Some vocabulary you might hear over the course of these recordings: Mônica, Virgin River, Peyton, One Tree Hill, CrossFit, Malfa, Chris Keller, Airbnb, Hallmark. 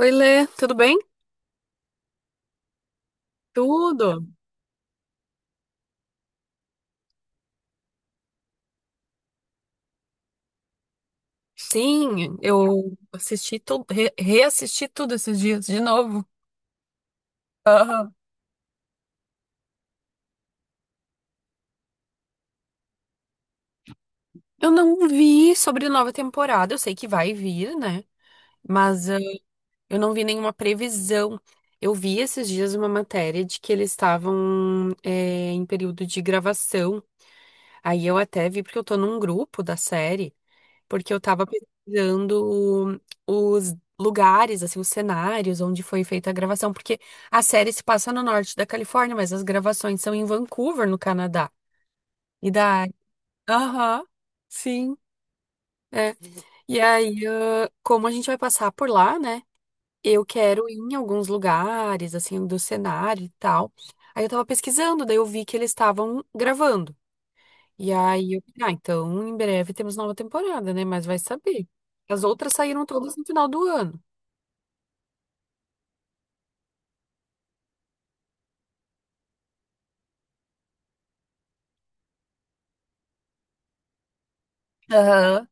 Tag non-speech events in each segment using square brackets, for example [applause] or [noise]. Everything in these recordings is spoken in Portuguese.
Oi, Lê, tudo bem? Tudo. Sim, eu assisti tudo, reassisti tudo esses dias de novo. Aham. Eu não vi sobre nova temporada, eu sei que vai vir, né? Mas eu não vi nenhuma previsão. Eu vi esses dias uma matéria de que eles estavam em período de gravação. Aí eu até vi porque eu tô num grupo da série. Porque eu tava pesquisando os lugares, assim, os cenários onde foi feita a gravação, porque a série se passa no norte da Califórnia, mas as gravações são em Vancouver, no Canadá. E daí, aham, sim, é. E aí, como a gente vai passar por lá, né? Eu quero ir em alguns lugares, assim, do cenário e tal. Aí eu tava pesquisando, daí eu vi que eles estavam gravando. E aí, então em breve temos nova temporada, né? Mas vai saber. As outras saíram todas no final do ano. Aham.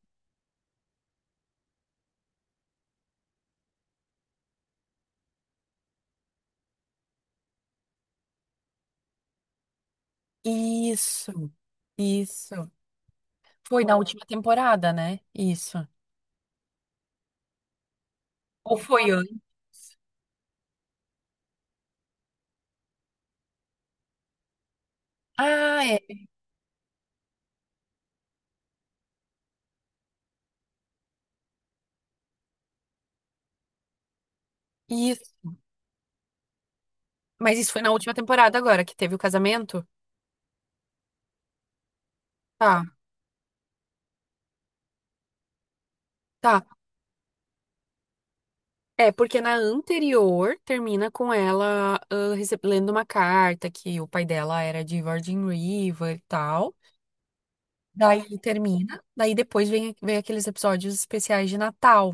Isso, isso. Foi na última temporada, né? Isso. Ou foi antes? Ah, é. Isso. Mas isso foi na última temporada agora, que teve o casamento? Tá, tá. É, porque na anterior termina com ela lendo uma carta que o pai dela era de Virgin River e tal. Daí termina, daí depois vem aqueles episódios especiais de Natal,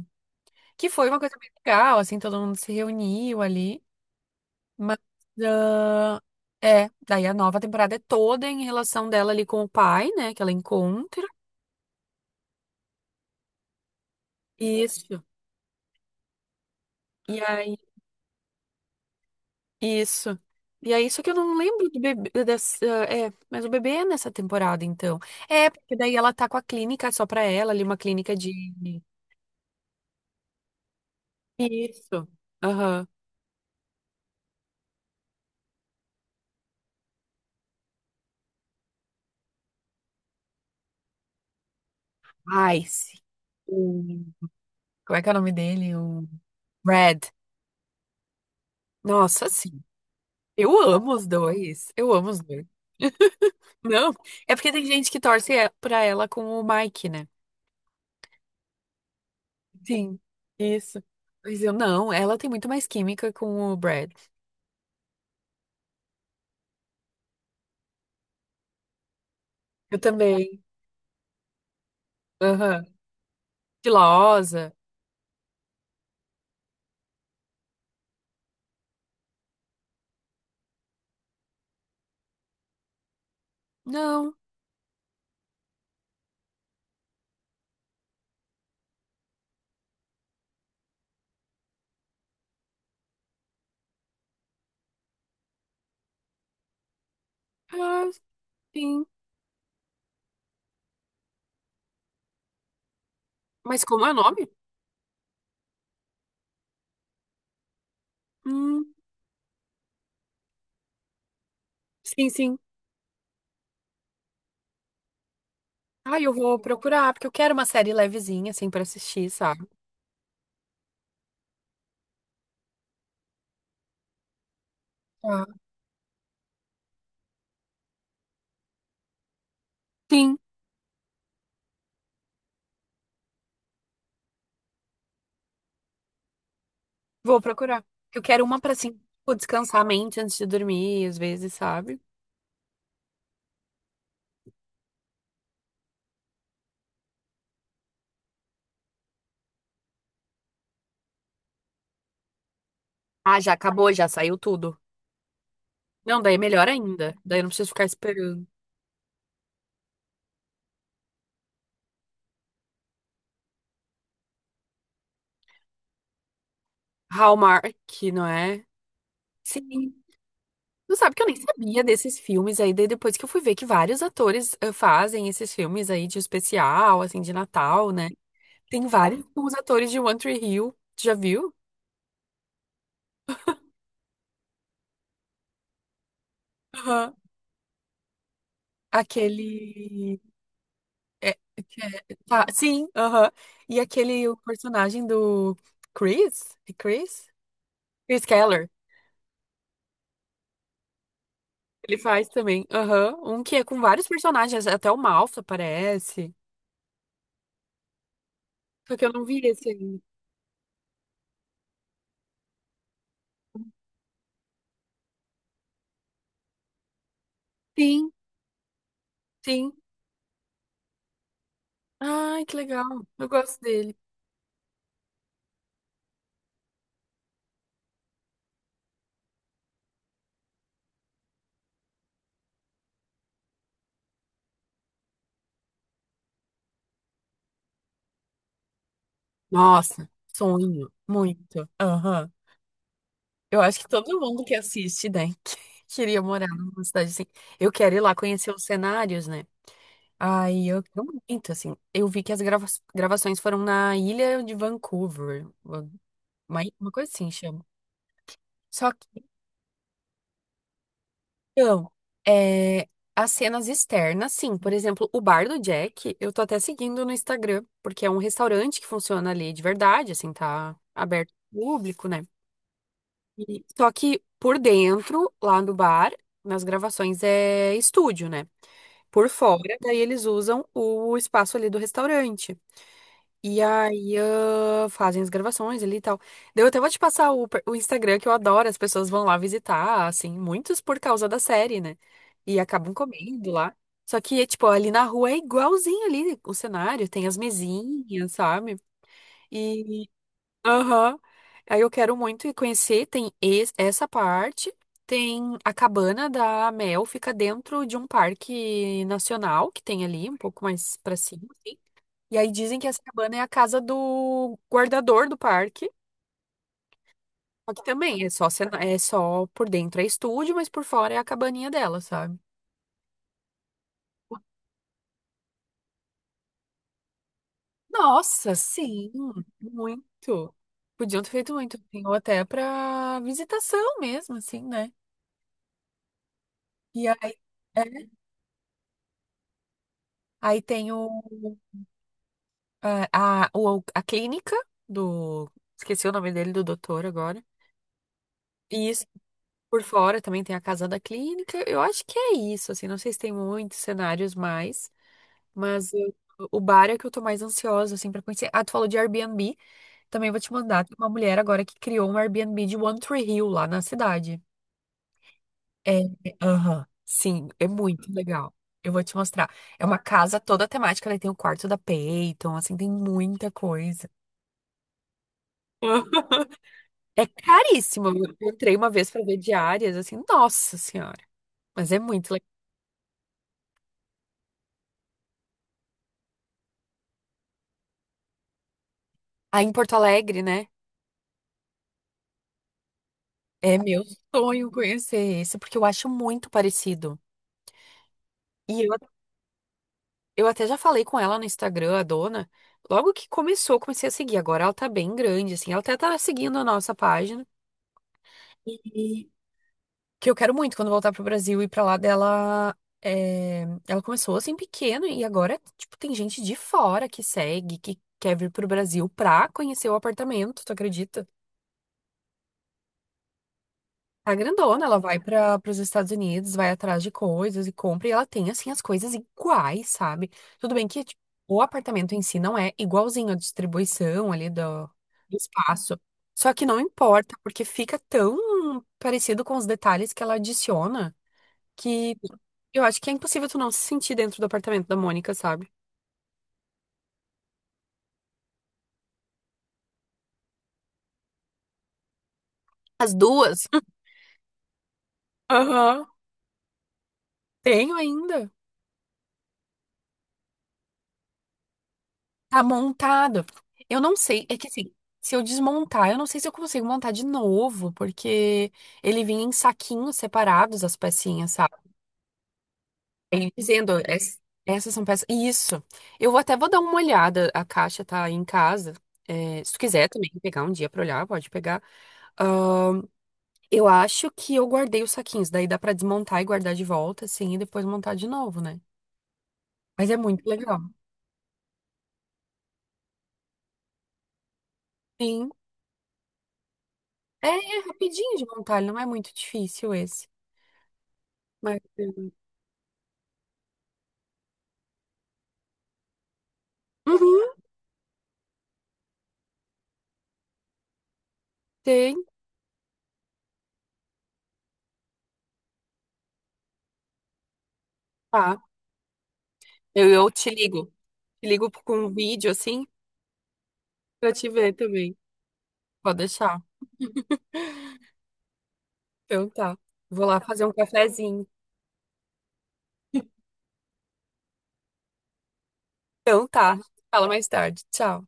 que foi uma coisa bem legal, assim, todo mundo se reuniu ali, mas ah, é, daí a nova temporada é toda em relação dela ali com o pai, né, que ela encontra. Isso. E aí, isso. E aí, só que eu não lembro do bebê, dessa, é, mas o bebê é nessa temporada, então. É, porque daí ela tá com a clínica só pra ela ali, uma clínica de... Isso. Aham. Ai, sim. Como é que é o nome dele? O Red. Nossa, sim. Eu amo os dois. Eu amo os dois. Não, é porque tem gente que pra ela com o Mike, né? Sim, isso. Mas eu não, ela tem muito mais química com o Brad. Eu também. Aham. Filosa. Não. Ah, sim. Mas como é o nome? Hum, sim, sim. Ah, eu vou procurar, porque eu quero uma série levezinha, assim, pra assistir, sabe? Ah. Sim. Vou procurar. Eu quero uma pra, assim, tipo, descansar a mente antes de dormir, às vezes, sabe? Ah, já acabou, já saiu tudo. Não, daí é melhor ainda. Daí eu não preciso ficar esperando. Hallmark, não é? Sim. Tu sabe que eu nem sabia desses filmes aí, daí depois que eu fui ver que vários atores fazem esses filmes aí de especial, assim, de Natal, né? Tem vários os atores de One Tree Hill. Tu já viu? Aham. Aquele. É, tá, sim, aham. E aquele o personagem do Chris? É Chris? Chris Keller. Ele faz também, aham. Um que é com vários personagens, até o Malfa aparece. Só que eu não vi esse ainda. Sim, sim. Ai, que legal. Eu gosto dele. Nossa, sonho. Muito. Aham. Eu acho que todo mundo que assiste, né, [laughs] queria morar numa cidade assim. Eu quero ir lá conhecer os cenários, né? Ai, eu quero muito, assim. Eu vi que as gravações foram na ilha de Vancouver, uma coisa assim chama. Só que, então, é, as cenas externas, sim. Por exemplo, o bar do Jack, eu tô até seguindo no Instagram, porque é um restaurante que funciona ali de verdade, assim, tá aberto ao público, né? Só que por dentro, lá no bar, nas gravações é estúdio, né? Por fora, daí eles usam o espaço ali do restaurante. E aí, fazem as gravações ali e tal. Daí eu até vou te passar o Instagram que eu adoro, as pessoas vão lá visitar, assim, muitos por causa da série, né? E acabam comendo lá. Só que, é, tipo, ali na rua é igualzinho ali o cenário, tem as mesinhas, sabe? E, aham. Aí eu quero muito ir conhecer, tem essa parte, tem a cabana da Mel, fica dentro de um parque nacional que tem ali, um pouco mais pra cima, assim. E aí dizem que essa cabana é a casa do guardador do parque. Só que também é só, é só por dentro é estúdio, mas por fora é a cabaninha dela, sabe? Nossa, sim, muito. Podiam ter feito muito, assim, ou até pra visitação mesmo, assim, né? E aí, é, aí tem o, a, o- a clínica do. Esqueci o nome dele, do doutor agora. E isso, por fora também tem a casa da clínica. Eu acho que é isso, assim, não sei se tem muitos cenários mais. Mas eu- o bar é que eu tô mais ansiosa, assim, pra conhecer. Ah, tu falou de Airbnb. Também vou te mandar. Tem uma mulher agora que criou um Airbnb de One Tree Hill lá na cidade. É, é, aham. Sim, é muito legal. Eu vou te mostrar. É uma casa toda temática, né? Tem o quarto da Peyton, assim, tem muita coisa. [laughs] É caríssimo. Eu entrei uma vez pra ver diárias, assim, nossa senhora. Mas é muito legal. Aí em Porto Alegre, né? É meu sonho conhecer esse, porque eu acho muito parecido. e eu Eu até já falei com ela no Instagram, a dona. Logo que começou, eu comecei a seguir. Agora ela tá bem grande, assim. Ela até tá seguindo a nossa página. E que eu quero muito quando voltar pro Brasil e pra lá dela. É, ela começou assim pequeno e agora, tipo, tem gente de fora que segue, que quer vir pro Brasil pra conhecer o apartamento, tu acredita? Tá grandona, ela vai para os Estados Unidos, vai atrás de coisas e compra, e ela tem, assim, as coisas iguais, sabe? Tudo bem que tipo, o apartamento em si não é igualzinho a distribuição do espaço. Só que não importa, porque fica tão parecido com os detalhes que ela adiciona que eu acho que é impossível tu não se sentir dentro do apartamento da Mônica, sabe? As duas? [laughs] Aham. Tenho ainda. Tá montado. Eu não sei, é que assim, se eu desmontar, eu não sei se eu consigo montar de novo, porque ele vinha em saquinhos separados, as pecinhas, sabe? Ele Dizendo, es- Essas são peças. Isso. Eu vou até vou dar uma olhada. A caixa tá aí em casa. É, se tu quiser também pegar um dia pra olhar, pode pegar. Ahn, eu acho que eu guardei os saquinhos. Daí dá pra desmontar e guardar de volta, assim, e depois montar de novo, né? Mas é muito legal. Sim. É, é rapidinho de montar, ele não é muito difícil esse. Mas uhum, tem. Tá. Eu te ligo. Te ligo com um vídeo assim pra te ver também. Pode deixar. Então tá. Vou lá fazer um cafezinho. Então tá. Fala mais tarde. Tchau.